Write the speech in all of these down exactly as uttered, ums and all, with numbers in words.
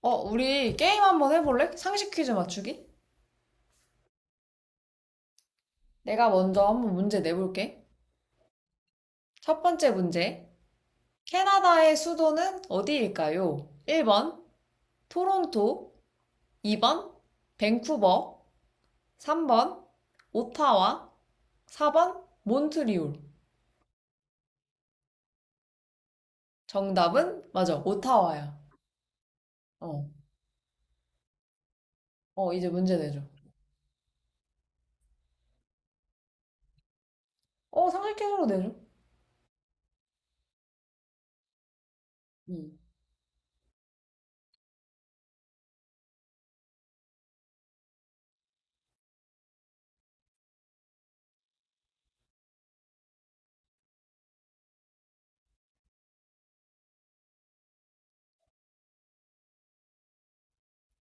어, 우리 게임 한번 해볼래? 상식 퀴즈 맞추기? 내가 먼저 한번 문제 내볼게. 첫 번째 문제. 캐나다의 수도는 어디일까요? 일 번, 토론토. 이 번, 밴쿠버. 삼 번, 오타와. 사 번, 몬트리올. 정답은? 맞아, 오타와야. 어, 어, 이제 문제 내줘. 어, 상식 퀴즈로 내줘. 음.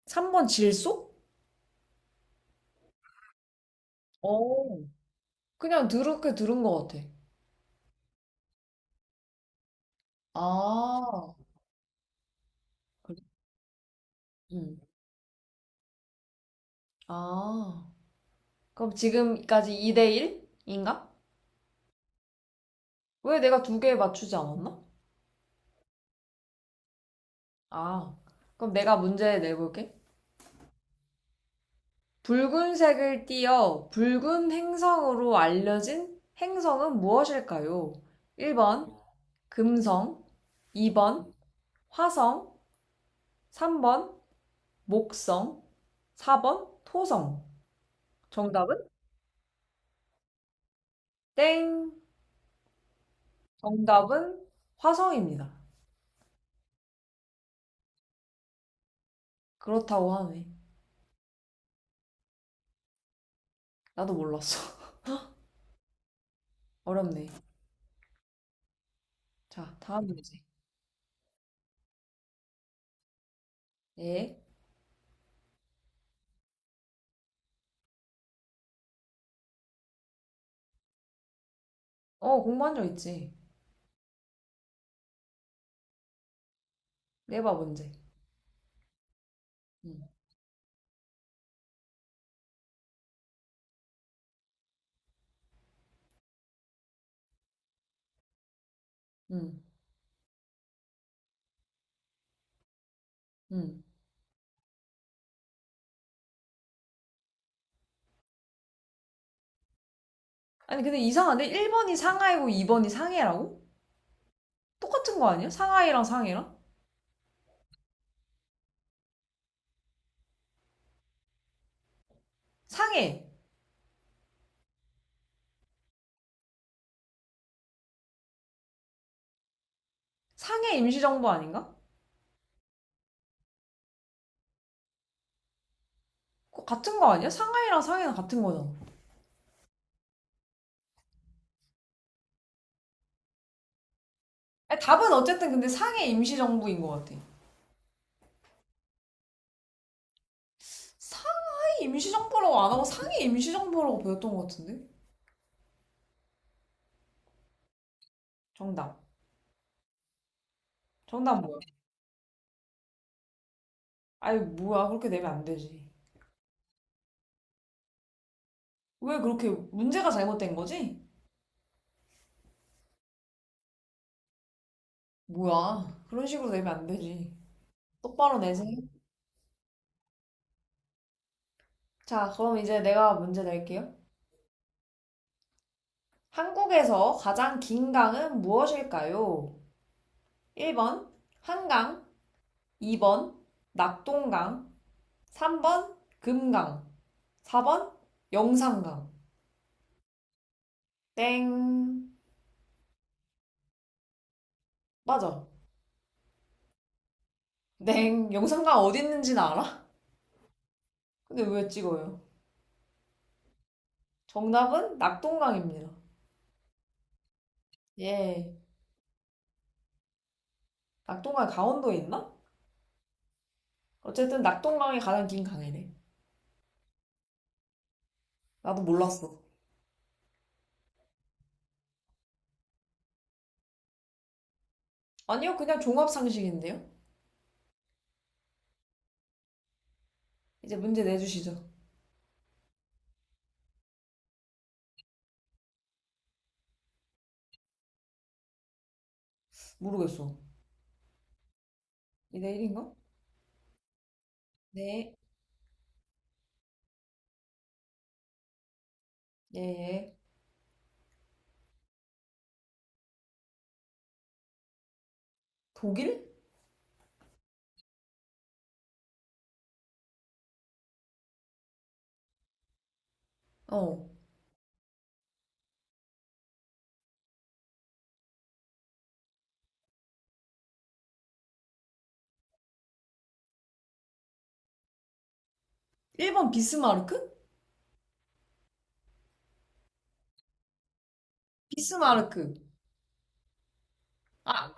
삼 번, 질소? 어, 그냥 들은 게 들은 것 같아. 아, 그래? 음. 아. 그럼 지금까지 이 대 일인가? 왜 내가 두 개 맞추지 않았나? 아, 그럼 내가 문제 내볼게. 붉은색을 띄어 붉은 행성으로 알려진 행성은 무엇일까요? 일 번 금성, 이 번 화성, 삼 번 목성, 사 번 토성. 정답은? 땡. 정답은 화성입니다. 그렇다고 하네. 나도 몰랐어. 어렵네. 자, 다음 문제. 예. 어, 공부한 적 있지. 내봐, 문제. 응, 응, 응. 아니, 근데 이상한데? 일 번이 상하이고 이 번이 상해라고? 똑같은 거 아니야? 상하이랑 상해랑? 상해. 상해 임시정부 아닌가? 그거 같은 거 아니야? 상하이랑 상해는 같은 거잖아. 아니, 답은 어쨌든 근데 상해 임시정부인 것 같아. 상해 임시정부라고 안 하고 상해 임시정부라고 배웠던 것 같은데? 정답. 정답 뭐야? 아이, 뭐야. 그렇게 내면 안 되지. 왜 그렇게 문제가 잘못된 거지? 뭐야. 그런 식으로 내면 안 되지. 똑바로 내세요. 자, 그럼 이제 내가 문제 낼게요. 한국에서 가장 긴 강은 무엇일까요? 일 번 한강, 이 번 낙동강, 삼 번 금강, 사 번 영산강. 땡. 맞아. 땡. 영산강 어디 있는지는 알아? 근데 왜 찍어요? 정답은 낙동강입니다. 예. 낙동강 강원도에 있나? 어쨌든 낙동강이 가장 긴 강이래. 나도 몰랐어. 아니요, 그냥 종합상식인데요. 이제 문제 내주시죠. 모르겠어. 이 내일인가? 네. 예, 예. 독일? 어. 일 번 비스마르크? 비스마르크. 아,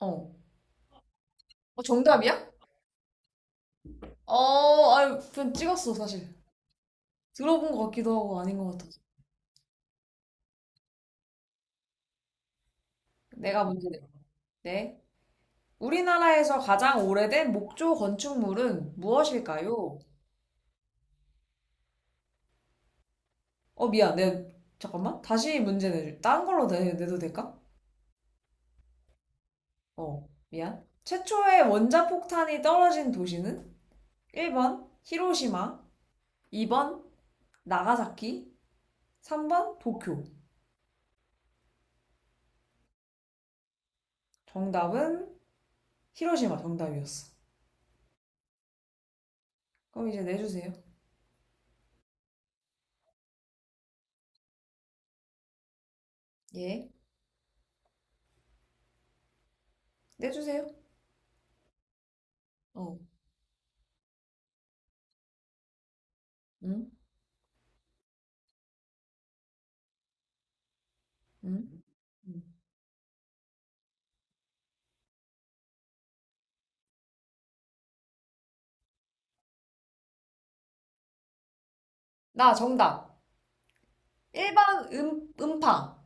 어. 어, 정답이야? 어, 아유, 그냥 찍었어, 사실. 들어본 것 같기도 하고 아닌 것 같아서. 내가 문제 내, 네. 우리나라에서 가장 오래된 목조 건축물은 무엇일까요? 어, 미안. 내, 잠깐만. 다시 문제 내줄. 딴 걸로 내, 내도 될까? 어, 미안. 최초의 원자폭탄이 떨어진 도시는? 일 번, 히로시마. 이 번, 나가사키. 삼 번 도쿄. 정답은 히로시마 정답이었어. 그럼 이제 내주세요. 예. 내주세요. 어. 응? 응? 응. 나 정답. 일 번 음, 음파.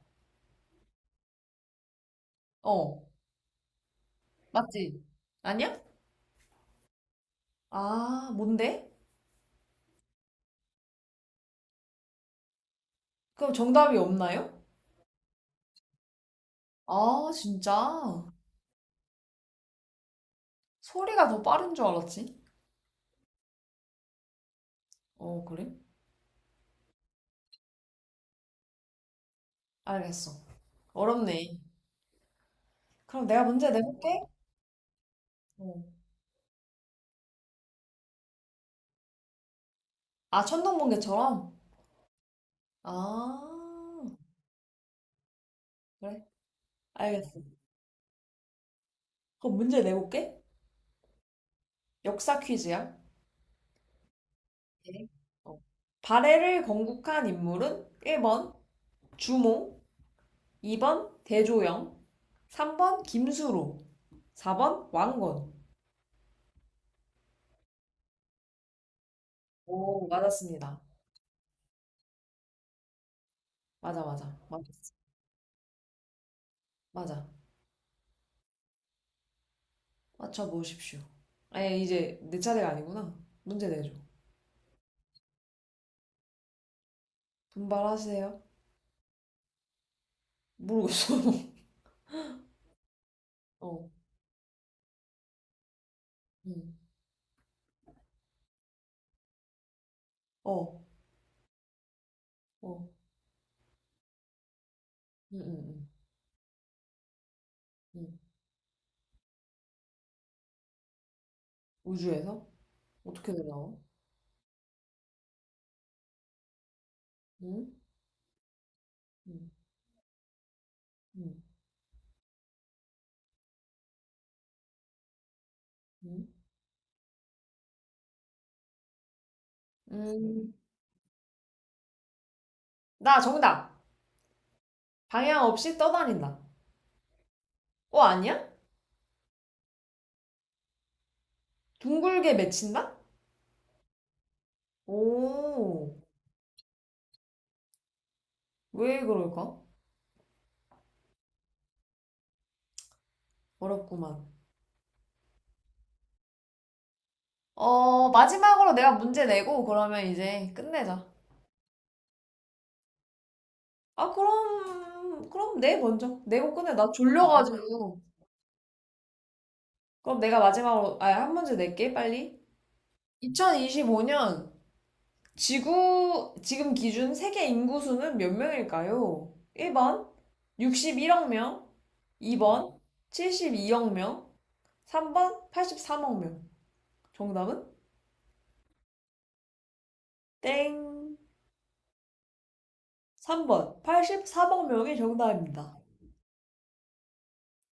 어. 맞지? 아니야? 아, 뭔데? 그럼 정답이 없나요? 아, 진짜. 소리가 더 빠른 줄 알았지? 어, 그래? 알겠어. 어렵네. 그럼 내가 문제 내볼게. 어. 아, 천둥번개처럼? 아, 그래. 알겠어. 그럼 문제 내볼게. 역사 퀴즈야. 네. 어. 발해를 건국한 인물은 일 번 주몽, 이 번 대조영, 삼 번 김수로, 사 번 왕건. 오, 맞았습니다. 맞아, 맞아. 맞, 맞아. 맞춰보십시오. 에, 이제 내 차례가 아니구나. 문제 내줘. 분발하세요. 모르겠어. 어, 음, 어, 어, 음, 음, 음, 음. 우주에서? 어떻게 되나? 음, 음, 음, 음. 음, 나 정답! 방향 없이 떠다닌다. 어, 아니야? 둥글게 맺힌다? 오, 왜 그럴까? 어렵구만. 어, 마지막으로 내가 문제 내고 그러면 이제 끝내자. 아, 그럼, 그럼 내 먼저. 내고 끝내. 나 졸려가지고. 그럼 내가 마지막으로, 아, 한 문제 낼게, 빨리. 이천이십오 년 지구, 지금 기준 세계 인구수는 몇 명일까요? 일 번, 육십일 억 명. 이 번, 칠십이 억 명. 삼 번, 팔십삼 억 명. 정답은 땡. 삼 번. 팔십사 억 명이 정답입니다.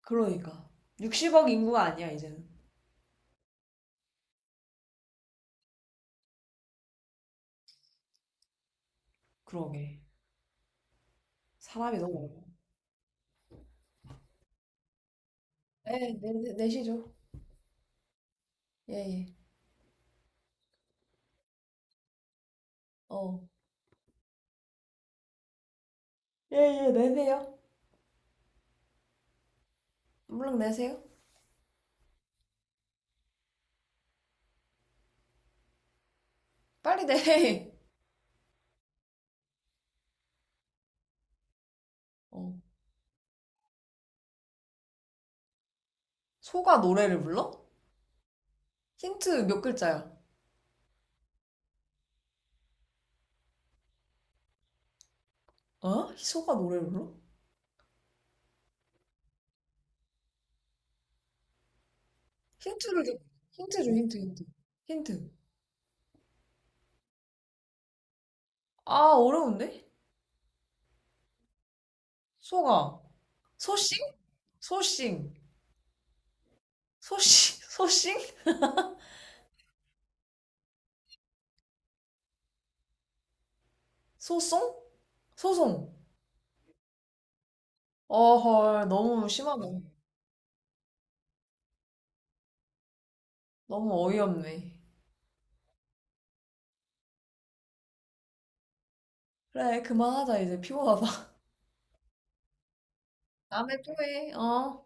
그러니까. 육십억 인구가 아니야, 이제는. 그러게. 사람이 너무 많아. 예, 내, 내- 내시죠. 예, 예. 어. 예, 예, 내세요. 물론 내세요. 빨리 내. 어. 소가 노래를 불러? 힌트 몇 글자야? 어? 소가 노래를 불러? 힌트를 줘. 힌트 줘, 힌트, 힌트. 힌트. 아, 어려운데? 소가. 소싱? 소싱. 소싱? 소싱? 소송? 소송. 어, 헐, 너무 심하네. 너무 어이없네. 그래, 그만하자, 이제 피곤하다. 다음에 또 해, 어?